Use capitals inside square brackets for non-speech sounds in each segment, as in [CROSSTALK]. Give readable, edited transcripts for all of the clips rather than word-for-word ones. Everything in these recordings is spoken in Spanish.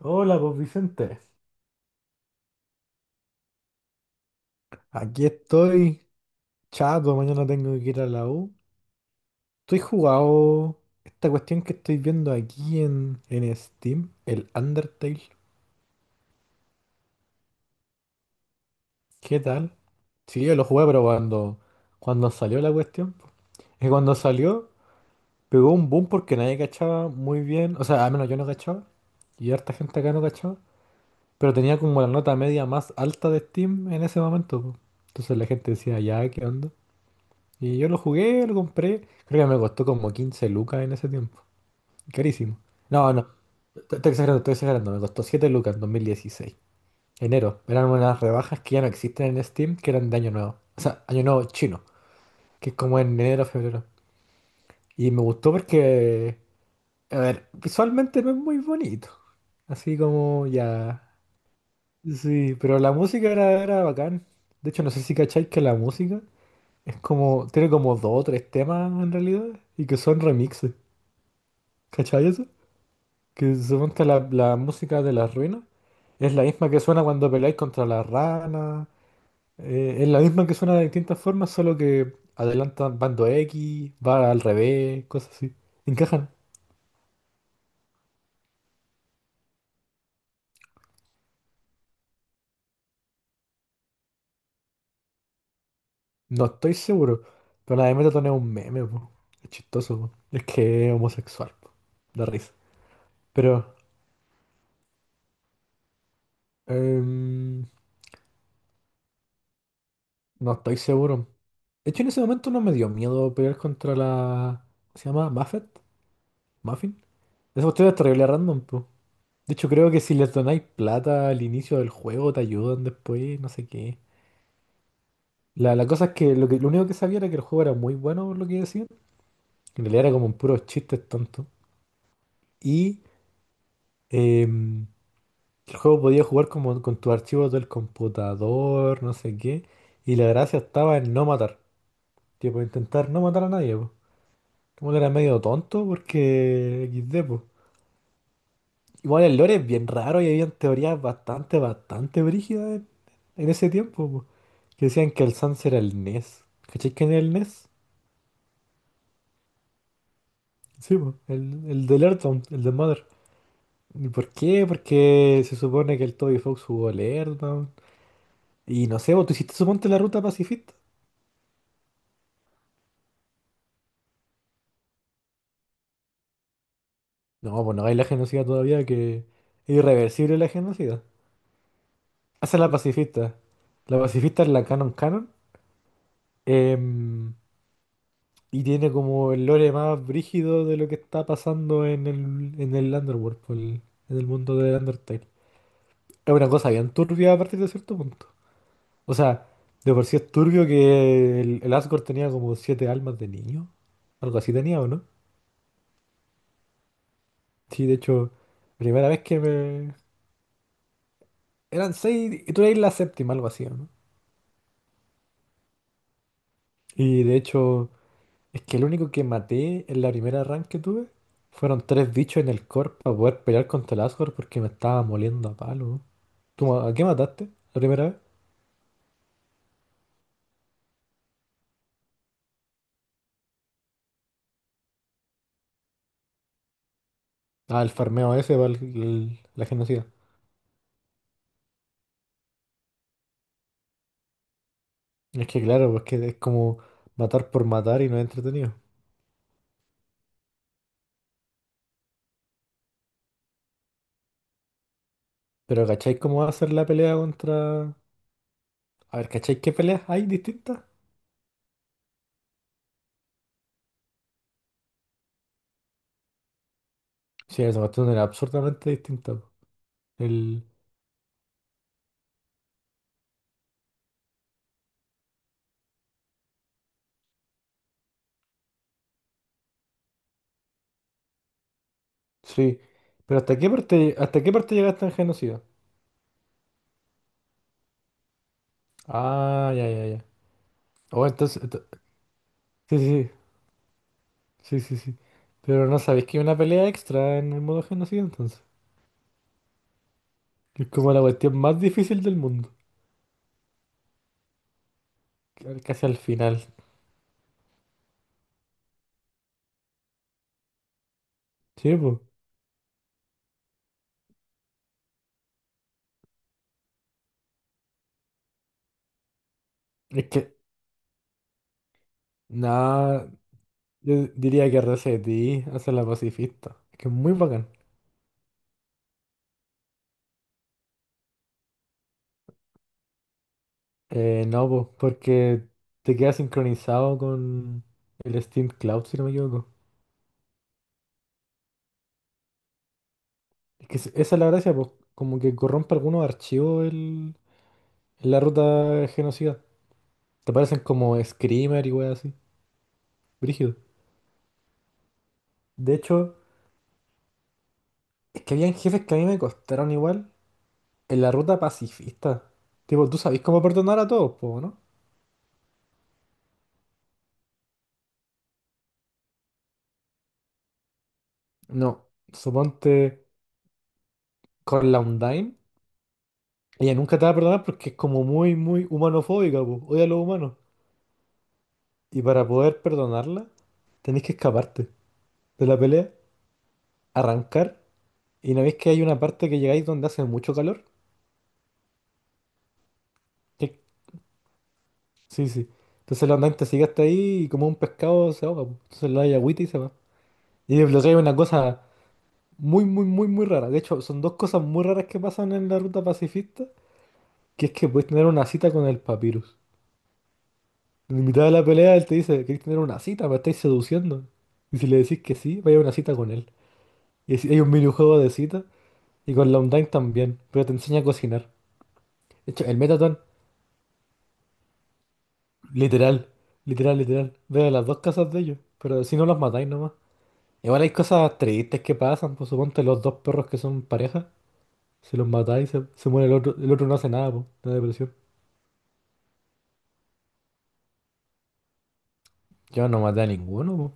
Hola, pues Vicente. Aquí estoy, chato, mañana tengo que ir a la U. Estoy jugado esta cuestión que estoy viendo aquí en Steam, el Undertale. ¿Qué tal? Sí, yo lo jugué, pero cuando salió la cuestión. [LAUGHS] Y cuando salió, pegó un boom porque nadie cachaba muy bien. O sea, al menos yo no cachaba. Y harta gente acá no cachaba. Pero tenía como la nota media más alta de Steam en ese momento, po. Entonces la gente decía, ya, ¿qué onda? Y yo lo jugué, lo compré. Creo que me costó como 15 lucas en ese tiempo. Carísimo. No, no, estoy exagerando, estoy exagerando. Me costó 7 lucas en dos mil dieciséis, enero. Eran unas rebajas que ya no existen en Steam, que eran de año nuevo. O sea, año nuevo chino, que es como en enero, febrero. Y me gustó porque, a ver, visualmente no es muy bonito. Así como ya... Sí, pero la música era bacán. De hecho, no sé si cacháis que la música es como, tiene como dos o tres temas en realidad y que son remixes. ¿Cachai eso? Que suponte la música de las ruinas es la misma que suena cuando peleáis contra las ranas, es la misma que suena de distintas formas, solo que adelantan bando X, va al revés, cosas así. Encajan, no estoy seguro, pero la de Metatron es un meme, po. Es chistoso, po. Es que es homosexual, po. Da risa. Pero, em, no estoy seguro. De hecho, en ese momento no me dio miedo pelear contra la... ¿Cómo se llama? ¿Muffet? Muffin. Esa cuestión es terrible random, po. De hecho, creo que si les donáis plata al inicio del juego, te ayudan después, no sé qué. La cosa es que lo único que sabía era que el juego era muy bueno, por lo que decían. En realidad era como un puro chiste tonto. Y em, el juego podía jugar como con tus archivos del computador, no sé qué. Y la gracia estaba en no matar. Tipo, intentar no matar a nadie, po. Como que era medio tonto porque XD, po. Igual el lore es bien raro y había teorías bastante, bastante brígidas en ese tiempo, po. Que decían que el Sans era el Ness. ¿Cachai quién es el Ness? Sí, po, el del Earthbound, el de Mother. ¿Y por qué? Porque se supone que el Toby Fox jugó el Earthbound. Y no sé, vos, ¿tú hiciste suponte la ruta pacifista? No, pues no hay la genocida todavía, que es irreversible la genocida. Hace la pacifista. La pacifista es la canon canon. Em, y tiene como el lore más brígido de lo que está pasando en el Underworld, po, en el mundo de Undertale. Es una cosa bien turbia a partir de cierto punto. O sea, de por sí es turbio que el Asgore tenía como siete almas de niño. Algo así tenía, ¿o no? Sí, de hecho, primera vez que me... Eran seis y tú eres la séptima, algo así, ¿o no? Y de hecho, es que el único que maté en la primera run que tuve fueron tres bichos en el core para poder pelear contra el Asgore porque me estaba moliendo a palo. ¿Cómo, a qué mataste la primera vez? Ah, el farmeo ese para la genocida. Es que claro, pues que es como matar por matar y no es entretenido. Pero ¿cacháis cómo va a ser la pelea contra...? A ver, ¿cacháis qué peleas hay distintas? Sí, esa cuestión era absurdamente distinta, po. El... Sí. Pero hasta qué parte llegaste en genocida? Ah, ya, ya, ya. Oh, entonces... Sí, sí, sí, sí, sí, sí. Pero no sabéis que hay una pelea extra en el modo genocida entonces. Que es como la cuestión más difícil del mundo. Casi al final. Sí, pues. Es que, nada, yo diría que Resetí hace la pacifista. Es que es muy bacán. No, pues, porque te queda sincronizado con el Steam Cloud, si no me equivoco. Es que esa es la gracia, pues, como que corrompe algunos archivos la ruta genocida. Te parecen como Screamer y weas así. Brígido. De hecho, es que habían jefes que a mí me costaron igual en la ruta pacifista. Tipo, tú sabés cómo perdonar a todos, pues, ¿no? No, suponte. Con la Undyne, ella nunca te va a perdonar porque es como muy, muy humanofóbica, po, odia a los humanos. Y para poder perdonarla, tenéis que escaparte de la pelea, arrancar. Y no veis que hay una parte que llegáis donde hace mucho calor. Que- Sí, sí. Entonces la Undyne te sigue hasta ahí y como un pescado se ahoga, po. Entonces le da agüita y se va. Y desbloqueáis una cosa muy, muy, muy, muy rara. De hecho, son dos cosas muy raras que pasan en la ruta pacifista, que es que puedes tener una cita con el papyrus. En mitad de la pelea, él te dice, ¿queréis tener una cita? ¿Me estáis seduciendo? Y si le decís que sí, vaya a una cita con él. Y hay un minijuego de cita y con la online también, pero te enseña a cocinar. De hecho, el Metatron, literal, literal, literal, ve a las dos casas de ellos, pero si no los matáis nomás. Igual hay cosas tristes que pasan, pues suponte los dos perros que son pareja, si los matáis se muere el otro no hace nada, pues, de depresión. Yo no maté a ninguno,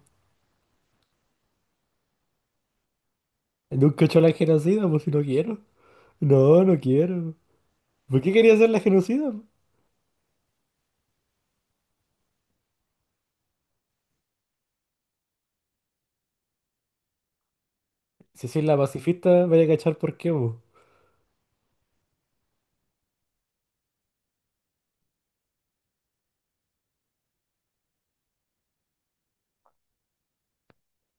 pues. Nunca he hecho la genocida, pues si no quiero. No, no quiero. ¿Por qué quería hacer la genocida, pues? Si sois la pacifista, vaya a cachar por qué, bu.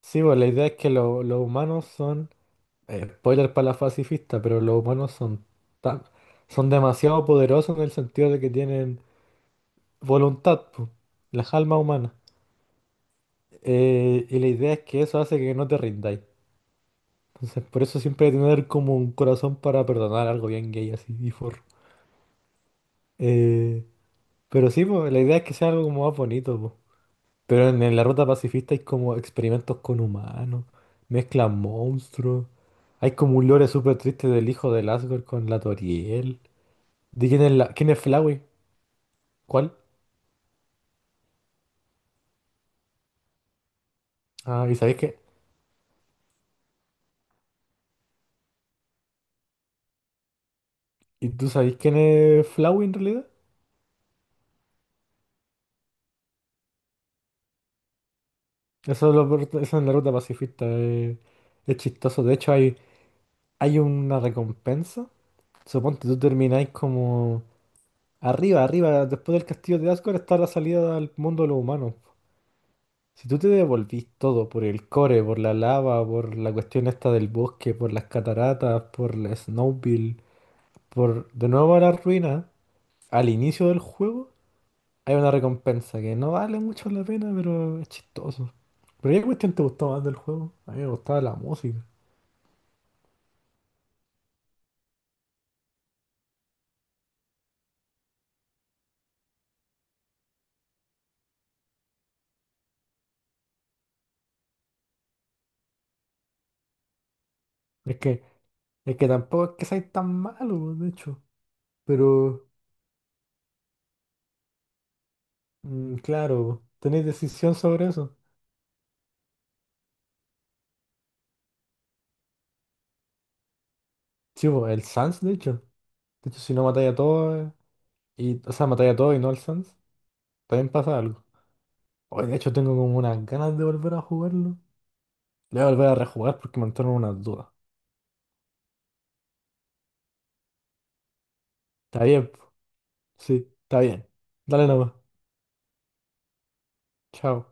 Sí, pues la idea es que los humanos son. Eh, spoiler para la pacifista, pero los humanos son tan, son demasiado poderosos en el sentido de que tienen voluntad, pues, las almas humanas. Y la idea es que eso hace que no te rindáis. Entonces, por eso siempre hay que tener como un corazón para perdonar algo bien gay así, y for. Eh, pero sí, pues la idea es que sea algo como más bonito, pues. Pero en la ruta pacifista hay como experimentos con humanos, mezclan monstruos. Hay como un lore súper triste del hijo de Asgore con la Toriel. ¿De quién es quién es Flawey? ¿Cuál? Ah, ¿y sabéis qué? ¿Y tú sabéis quién es Flawey en realidad? Eso es, eso es en la ruta pacifista. Es chistoso. De hecho, hay una recompensa. Suponte tú termináis como arriba, arriba, después del castillo de Asgore está la salida al mundo de los humanos. Si tú te devolvís todo por el core, por la lava, por la cuestión esta del bosque, por las cataratas, por la Snowbill, por de nuevo a la ruina, al inicio del juego, hay una recompensa que no vale mucho la pena, pero es chistoso. Pero ¿qué cuestión te gustó más del juego? A mí me gustaba la música. Es que, es que tampoco es que seáis tan malo, de hecho. Pero, claro, tenéis decisión sobre eso. Chivo, el Sans, de hecho. De hecho, si no matáis a todos, y, o sea, matáis a todos y no al Sans. También pasa algo. Hoy, de hecho, tengo como unas ganas de volver a jugarlo. Le voy a volver a rejugar porque me entraron unas dudas. Está bien, po. Sí, está bien. Dale nomás. Chao.